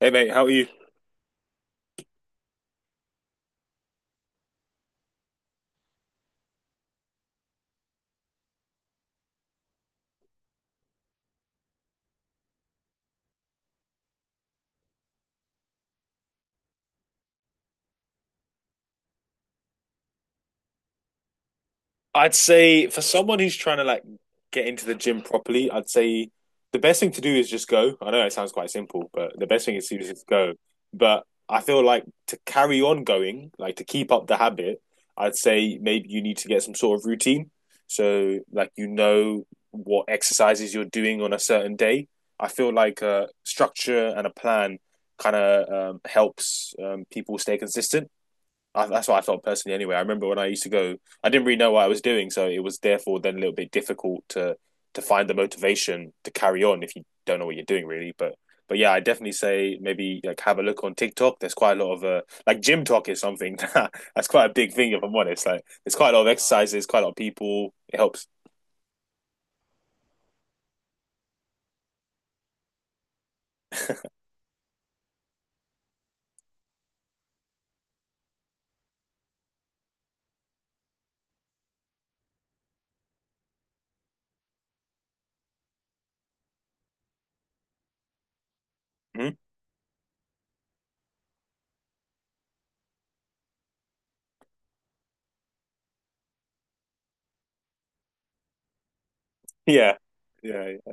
Hey mate, how are you? I'd say for someone who's trying to get into the gym properly, I'd say the best thing to do is just go. I know it sounds quite simple, but the best thing is to just go. But I feel like to carry on going, like to keep up the habit, I'd say maybe you need to get some sort of routine. So like you know what exercises you're doing on a certain day. I feel like a structure and a plan kind of helps people stay consistent. That's what I felt personally. Anyway, I remember when I used to go, I didn't really know what I was doing, so it was therefore then a little bit difficult to find the motivation to carry on if you don't know what you're doing really. But yeah, I definitely say maybe like have a look on TikTok. There's quite a lot of like gym talk is something that, that's quite a big thing if I'm honest. Like there's quite a lot of exercises, quite a lot of people. It helps. Mhm. Yeah, yeah, yeah.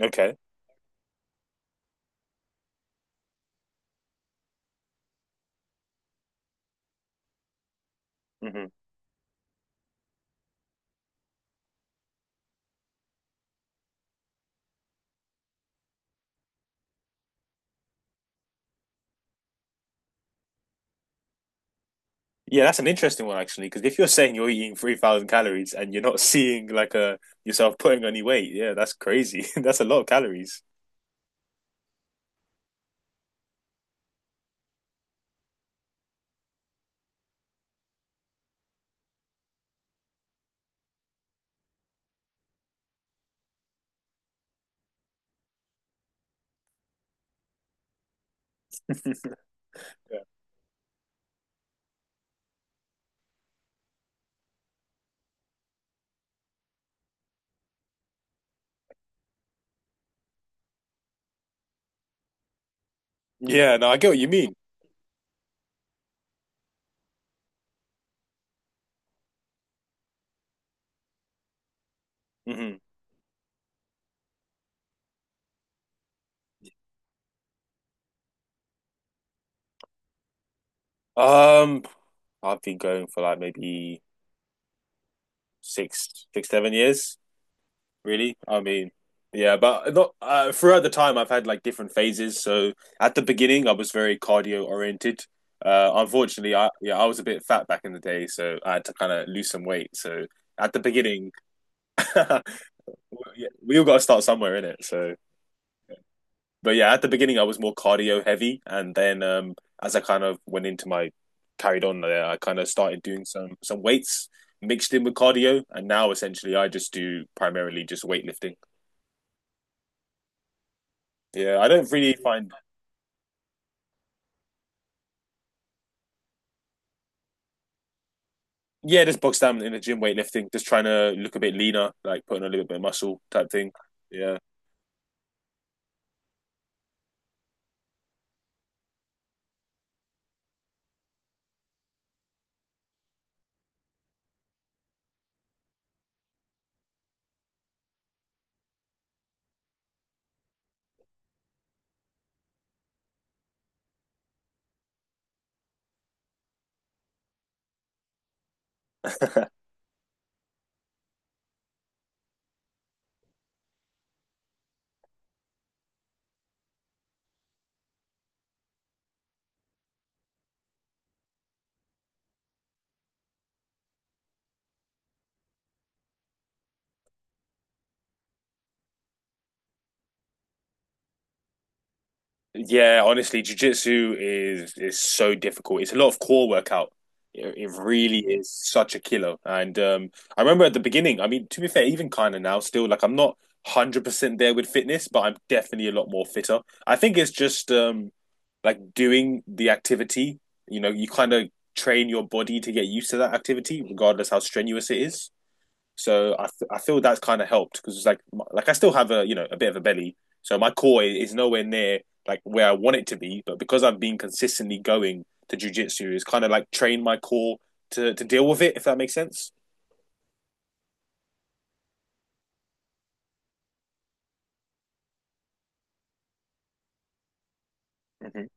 Okay. hmm Yeah, that's an interesting one actually, because if you're saying you're eating 3,000 calories and you're not seeing like a yourself putting any weight, yeah, that's crazy. That's a lot of calories. Yeah. Yeah, no, I get what you mean. Hmm Um, I've been going for like maybe 7 years, really. I mean, yeah, but not throughout the time I've had like different phases. So at the beginning, I was very cardio oriented. Unfortunately, I yeah, I was a bit fat back in the day, so I had to kind of lose some weight. So at the beginning. Well, yeah, we all got to start somewhere in it. So, but yeah, at the beginning I was more cardio heavy, and then as I kind of went into my carried on there, I kind of started doing some weights mixed in with cardio, and now essentially I just do primarily just weightlifting. Yeah, I don't really find yeah, just box down in the gym weightlifting, just trying to look a bit leaner, like putting on a little bit of muscle type thing. Yeah. Yeah, honestly, jiu-jitsu is so difficult. It's a lot of core workout. It really is such a killer. And I remember at the beginning, I mean, to be fair, even kind of now still, like I'm not 100% there with fitness, but I'm definitely a lot more fitter. I think it's just like doing the activity, you know, you kind of train your body to get used to that activity, regardless how strenuous it is. So I feel that's kind of helped because it's like I still have a you know a bit of a belly, so my core is nowhere near like where I want it to be. But because I've been consistently going to jujitsu, it's kind of like trained my core to deal with it, if that makes sense. Hmm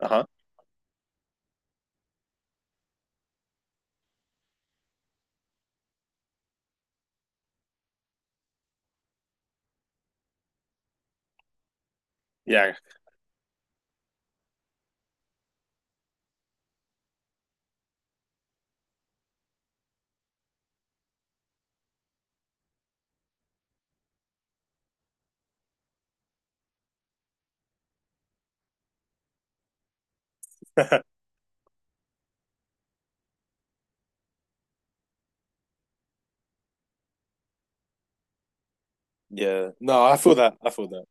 Uh-huh. Yeah. Yeah. No, I feel that. I feel that.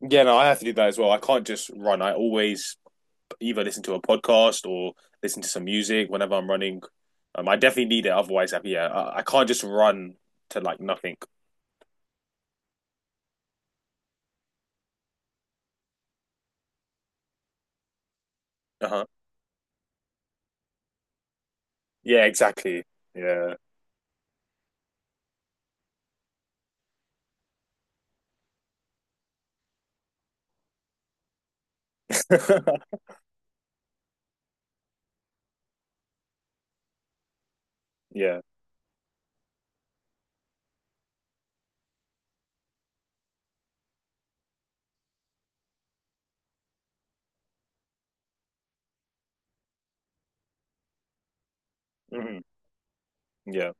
Yeah, no, I have to do that as well. I can't just run. I always either listen to a podcast or listen to some music whenever I'm running. I definitely need it. Otherwise, yeah, I can't just run to like nothing. Uh-huh. Yeah, exactly. Yeah. Yeah. hmm Yeah.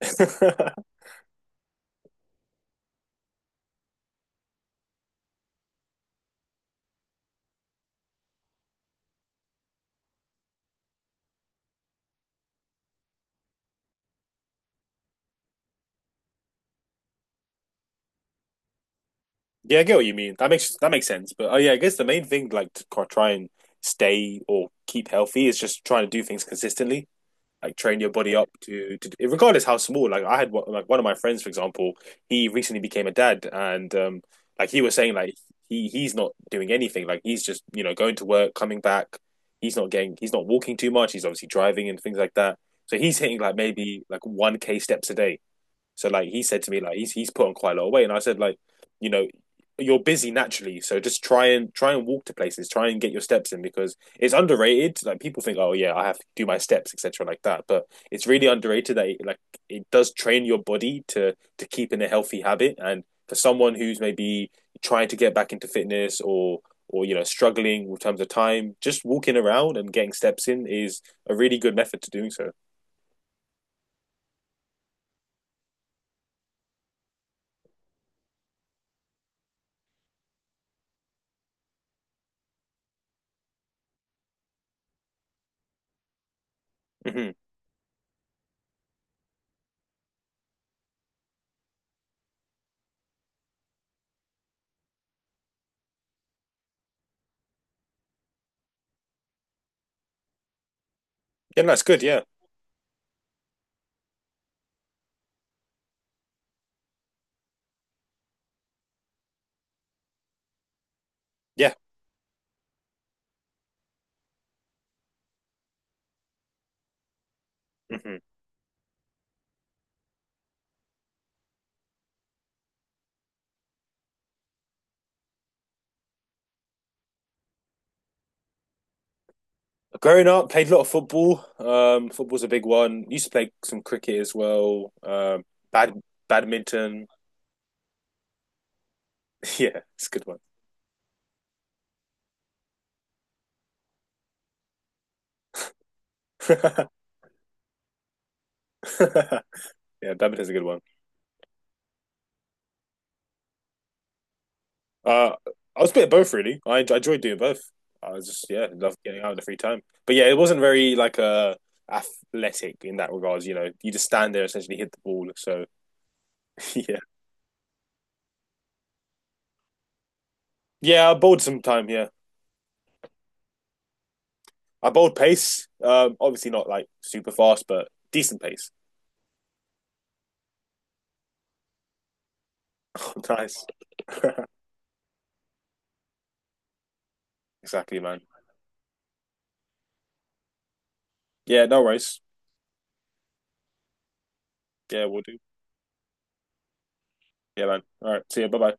Yeah, I get what you mean. That makes sense. But oh yeah, I guess the main thing like to try and stay or keep healthy is just trying to do things consistently. Like train your body up to regardless how small, like I had one, like one of my friends for example, he recently became a dad, and like he was saying like he's not doing anything, like he's just you know going to work coming back, he's not walking too much, he's obviously driving and things like that, so he's hitting like maybe like 1K steps a day. So like he said to me, like he's put on quite a lot of weight, and I said like, you know, you're busy naturally, so just try and walk to places, try and get your steps in because it's underrated. Like people think, oh yeah, I have to do my steps, etc., like that, but it's really underrated that like it does train your body to keep in a healthy habit. And for someone who's maybe trying to get back into fitness or you know struggling in terms of time, just walking around and getting steps in is a really good method to doing so. Hmm Yeah, that's good. Yeah, yeah. hmm Growing up, played a lot of football. Football's a big one. Used to play some cricket as well. Bad badminton. Yeah, it's a good one. Yeah, badminton's a good one. Uh, I was a bit of both really. I enjoyed doing both. I was just yeah, love getting out in the free time. But yeah, it wasn't very like athletic in that regards. You know, you just stand there essentially hit the ball. So. yeah, yeah. I bowled some time. Yeah, I bowled pace. Obviously not like super fast, but decent pace. Oh, nice. exactly, man. Yeah, no worries. Yeah, we'll do. Yeah, man. All right. See you. Bye bye.